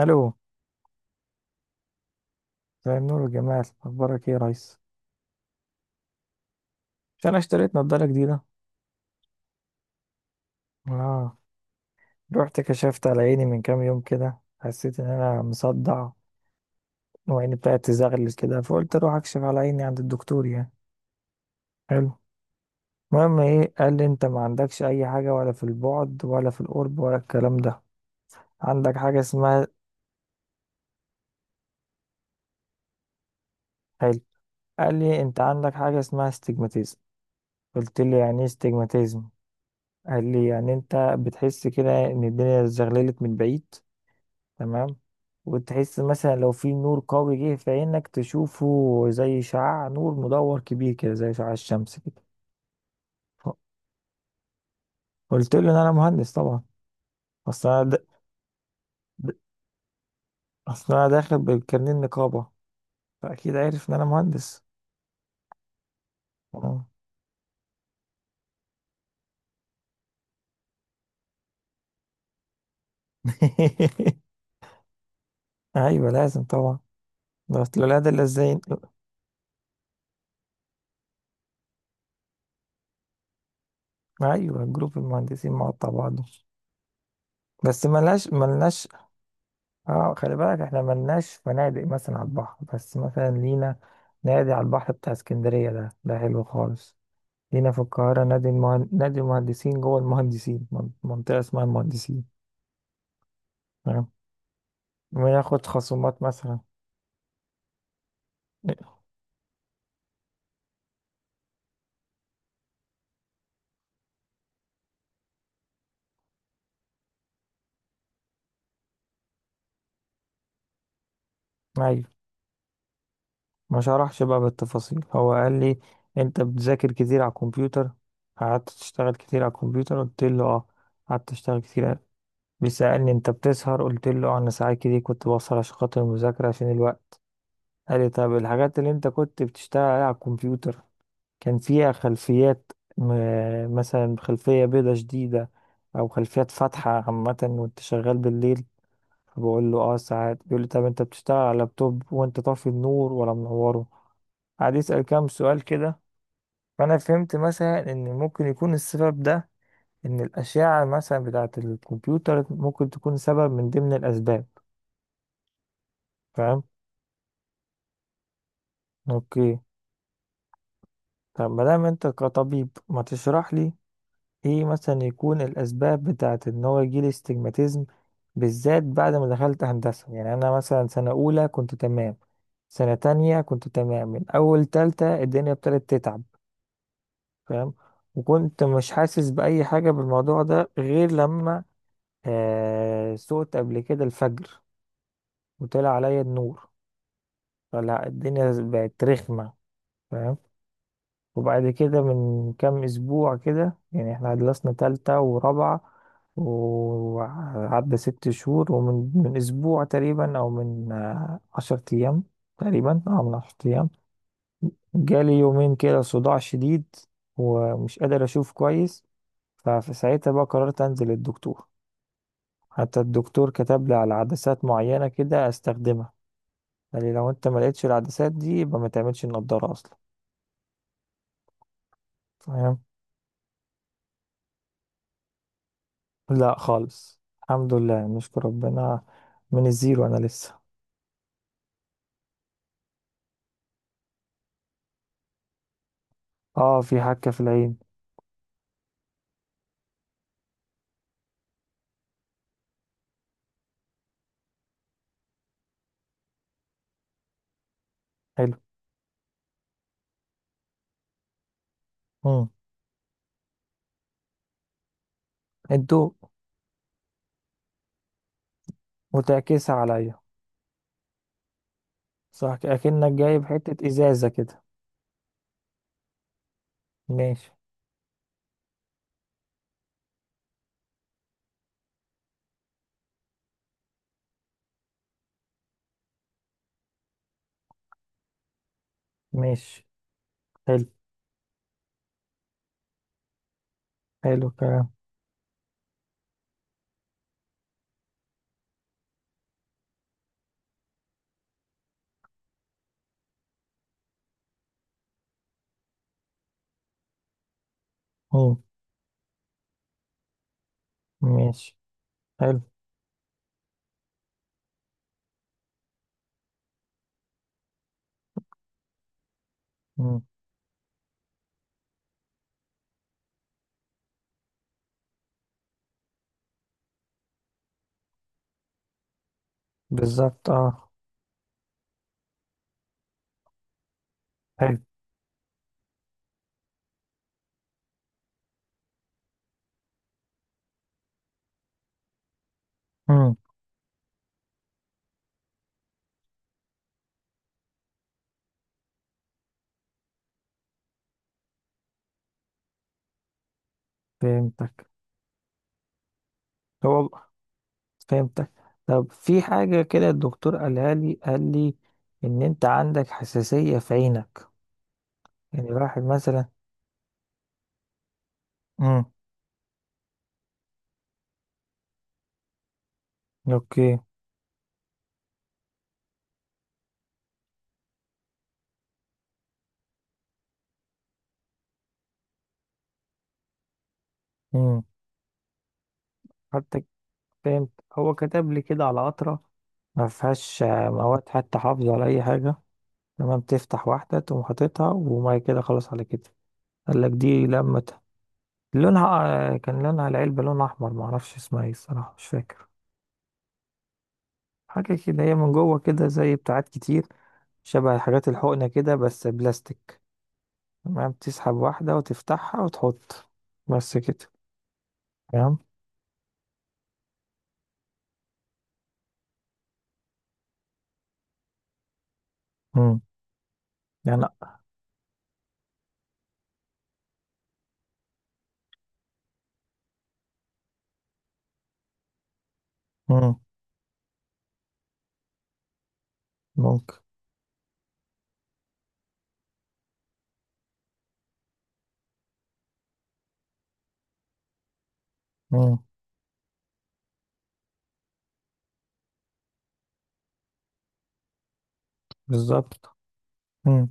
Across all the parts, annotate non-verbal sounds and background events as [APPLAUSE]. الو. مساء النور والجمال، اخبارك ايه يا ريس؟ مش انا اشتريت نضاره جديده. اه، رحت كشفت على عيني من كام يوم كده، حسيت ان انا مصدع وعيني بتاعت تزغلل كده، فقلت اروح اكشف على عيني عند الدكتور يعني. حلو. المهم ايه، قال لي انت ما عندكش اي حاجه ولا في البعد ولا في القرب ولا الكلام ده، عندك حاجه اسمها. حلو. قال لي انت عندك حاجه اسمها استجماتيزم. قلت له يعني ايه استجماتيزم؟ قال لي يعني انت بتحس كده ان الدنيا زغللت من بعيد، تمام، وتحس مثلا لو في نور قوي جه في عينك تشوفه، زي شعاع نور مدور كبير كده، زي شعاع الشمس كده. ف- قلت له ان انا مهندس طبعا. اصل انا د... د- اصل انا داخل بالكارنيه النقابه، فاكيد عارف ان انا مهندس. آه. [LAUGHS] ايوه لازم طبعا. ده اصل الولاد اللي ازاي. ايوه، جروب المهندسين مقطع بعضه، بس ملناش. اه، خلي بالك احنا ملناش فنادق مثلا على البحر، بس مثلا لينا نادي على البحر بتاع اسكندرية، ده حلو خالص. لينا في القاهرة نادي المهندسين، جوه المهندسين، منطقة اسمها المهندسين. تمام، بناخد خصومات مثلا. ايوه، ما شرحش بقى بالتفاصيل. هو قال لي انت بتذاكر كتير على الكمبيوتر، قعدت تشتغل كتير على الكمبيوتر، قلت له اه، قعدت اشتغل كتير. بيسألني انت بتسهر، قلت له اه، انا ساعات كتير كنت بسهر عشان خاطر المذاكرة، عشان الوقت. قال لي طب الحاجات اللي انت كنت بتشتغل عليها على الكمبيوتر كان فيها خلفيات، مثلا خلفية بيضة شديدة، او خلفيات فاتحة عامة وانت شغال بالليل. فبقول له اه ساعات. بيقول لي طب انت بتشتغل على لابتوب وانت طافي النور ولا منوره. قعد يسأل كام سؤال كده. فانا فهمت مثلا ان ممكن يكون السبب ده، ان الاشعة مثلا بتاعة الكمبيوتر ممكن تكون سبب من ضمن الاسباب. فاهم. اوكي، طب ما دام انت كطبيب ما تشرح لي ايه مثلا يكون الاسباب بتاعت ان هو يجيلي استجماتيزم، بالذات بعد ما دخلت هندسة. يعني انا مثلا سنة اولى كنت تمام، سنة تانية كنت تمام، من اول تالتة الدنيا ابتدت تتعب. فاهم، وكنت مش حاسس بأي حاجة بالموضوع ده غير لما سقت قبل كده الفجر، وطلع عليا النور، فلا الدنيا بقت رخمة. فاهم. وبعد كده من كام اسبوع كده، يعني احنا خلصنا تالتة ورابعة وعدى ست شهور، ومن اسبوع تقريبا، او من عشر ايام تقريبا، اه من عشر ايام، جالي يومين كده صداع شديد ومش قادر اشوف كويس. ففي ساعتها بقى قررت انزل للدكتور. حتى الدكتور كتب لي على عدسات معينة كده استخدمها. قال لي لو انت ما لقيتش العدسات دي يبقى ما تعملش النضارة اصلا. لا خالص، الحمد لله نشكر ربنا، من الزيرو انا لسه. اه، في حكة في العين. حلو. امم الضوء. وتعكسها عليا. صح، اكنك جايب حتة ازازة كده. ماشي. ماشي. حلو. حلو كلام. امم ماشي. حلو. امم بالظبط، اه. حلو. امم فهمتك. هو فهمتك. طب في حاجة كده الدكتور قالها لي، قال لي ان انت عندك حساسية في عينك. يعني واحد مثلا. امم اوكي. مم. حتى فهمت. هو كتب لي كده على قطرة ما فيهاش مواد حتى حافظة ولا أي حاجة. تمام، تفتح واحدة تقوم حاططها وما كده خلاص على كده. قال لك دي لمتها، لونها، كان لونها العلبة لون أحمر، معرفش اسمها ايه الصراحة مش فاكر. حاجة كده هي من جوه كده زي بتاعات كتير، شبه حاجات الحقنة كده بس بلاستيك. تمام، تسحب واحدة وتفتحها وتحط. بس كده. تمام. مم. يعني. مم. ممكن. مم. بالظبط. مم.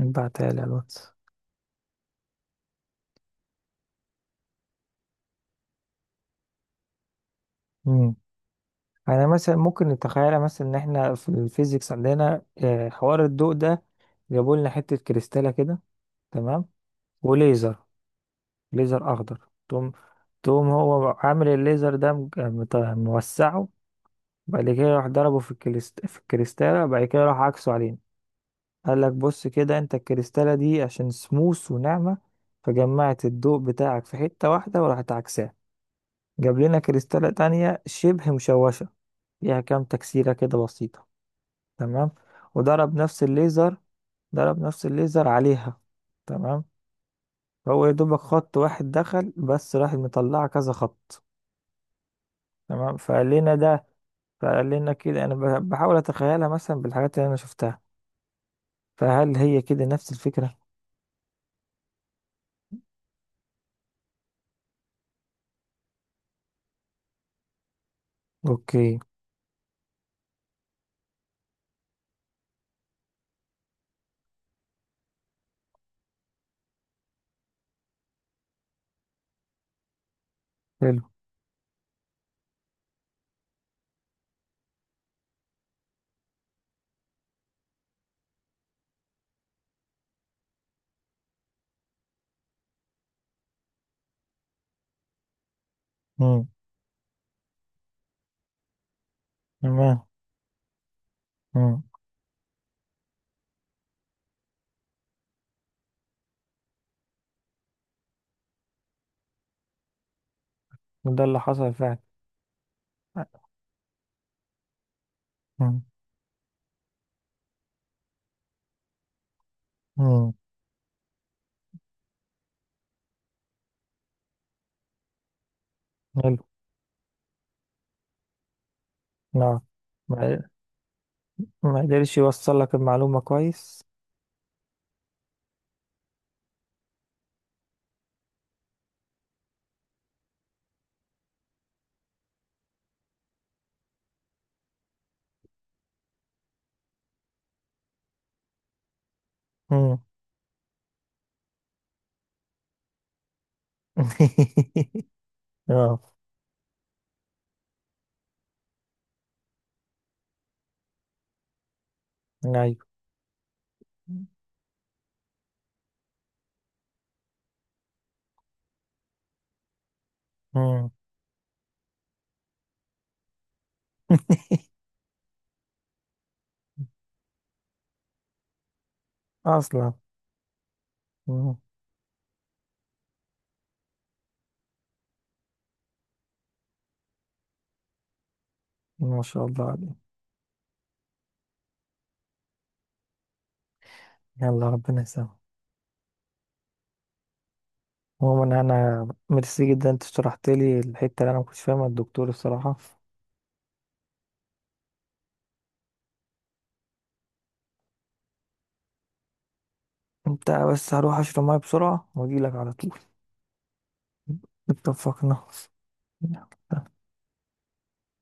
ابعتها لي على الواتس. مم. انا مثلا ممكن نتخيل مثلا ان احنا في الفيزيكس عندنا حوار الضوء ده، جابوا لنا حته كريستاله كده. تمام، وليزر، ليزر اخضر. تقوم تقوم هو عامل الليزر ده موسعه، بعد كده راح ضربه في الكريستاله، بعد كده راح عكسه علينا. قال لك بص كده انت الكريستاله دي عشان سموث وناعمه، فجمعت الضوء بتاعك في حته واحده وراحت عكساه. جاب لنا كريستاله تانية شبه مشوشه فيها كام تكسيره كده بسيطه. تمام، وضرب نفس الليزر، عليها. تمام، فهو يا دوبك خط واحد دخل بس راح مطلع كذا خط. تمام، فقال لنا كده انا بحاول اتخيلها مثلا بالحاجات اللي انا شفتها، فهل هي كده نفس الفكرة؟ اوكي. حلو. مم. تمام. مم. وده اللي حصل فعلا. مم. مم. حلو. نعم. ما ما قدرش يوصل لك المعلومة كويس. مم. [LAUGHS] اه. ايوه. مم. اصلا. مم. ما شاء الله عليك. يلا ربنا يسامحك. عموما انا ميرسي جدا، انت شرحت لي الحته اللي انا ما كنتش فاهمها الدكتور الصراحه. انت بس هروح اشرب ميه بسرعه واجي لك على طول. اتفقنا.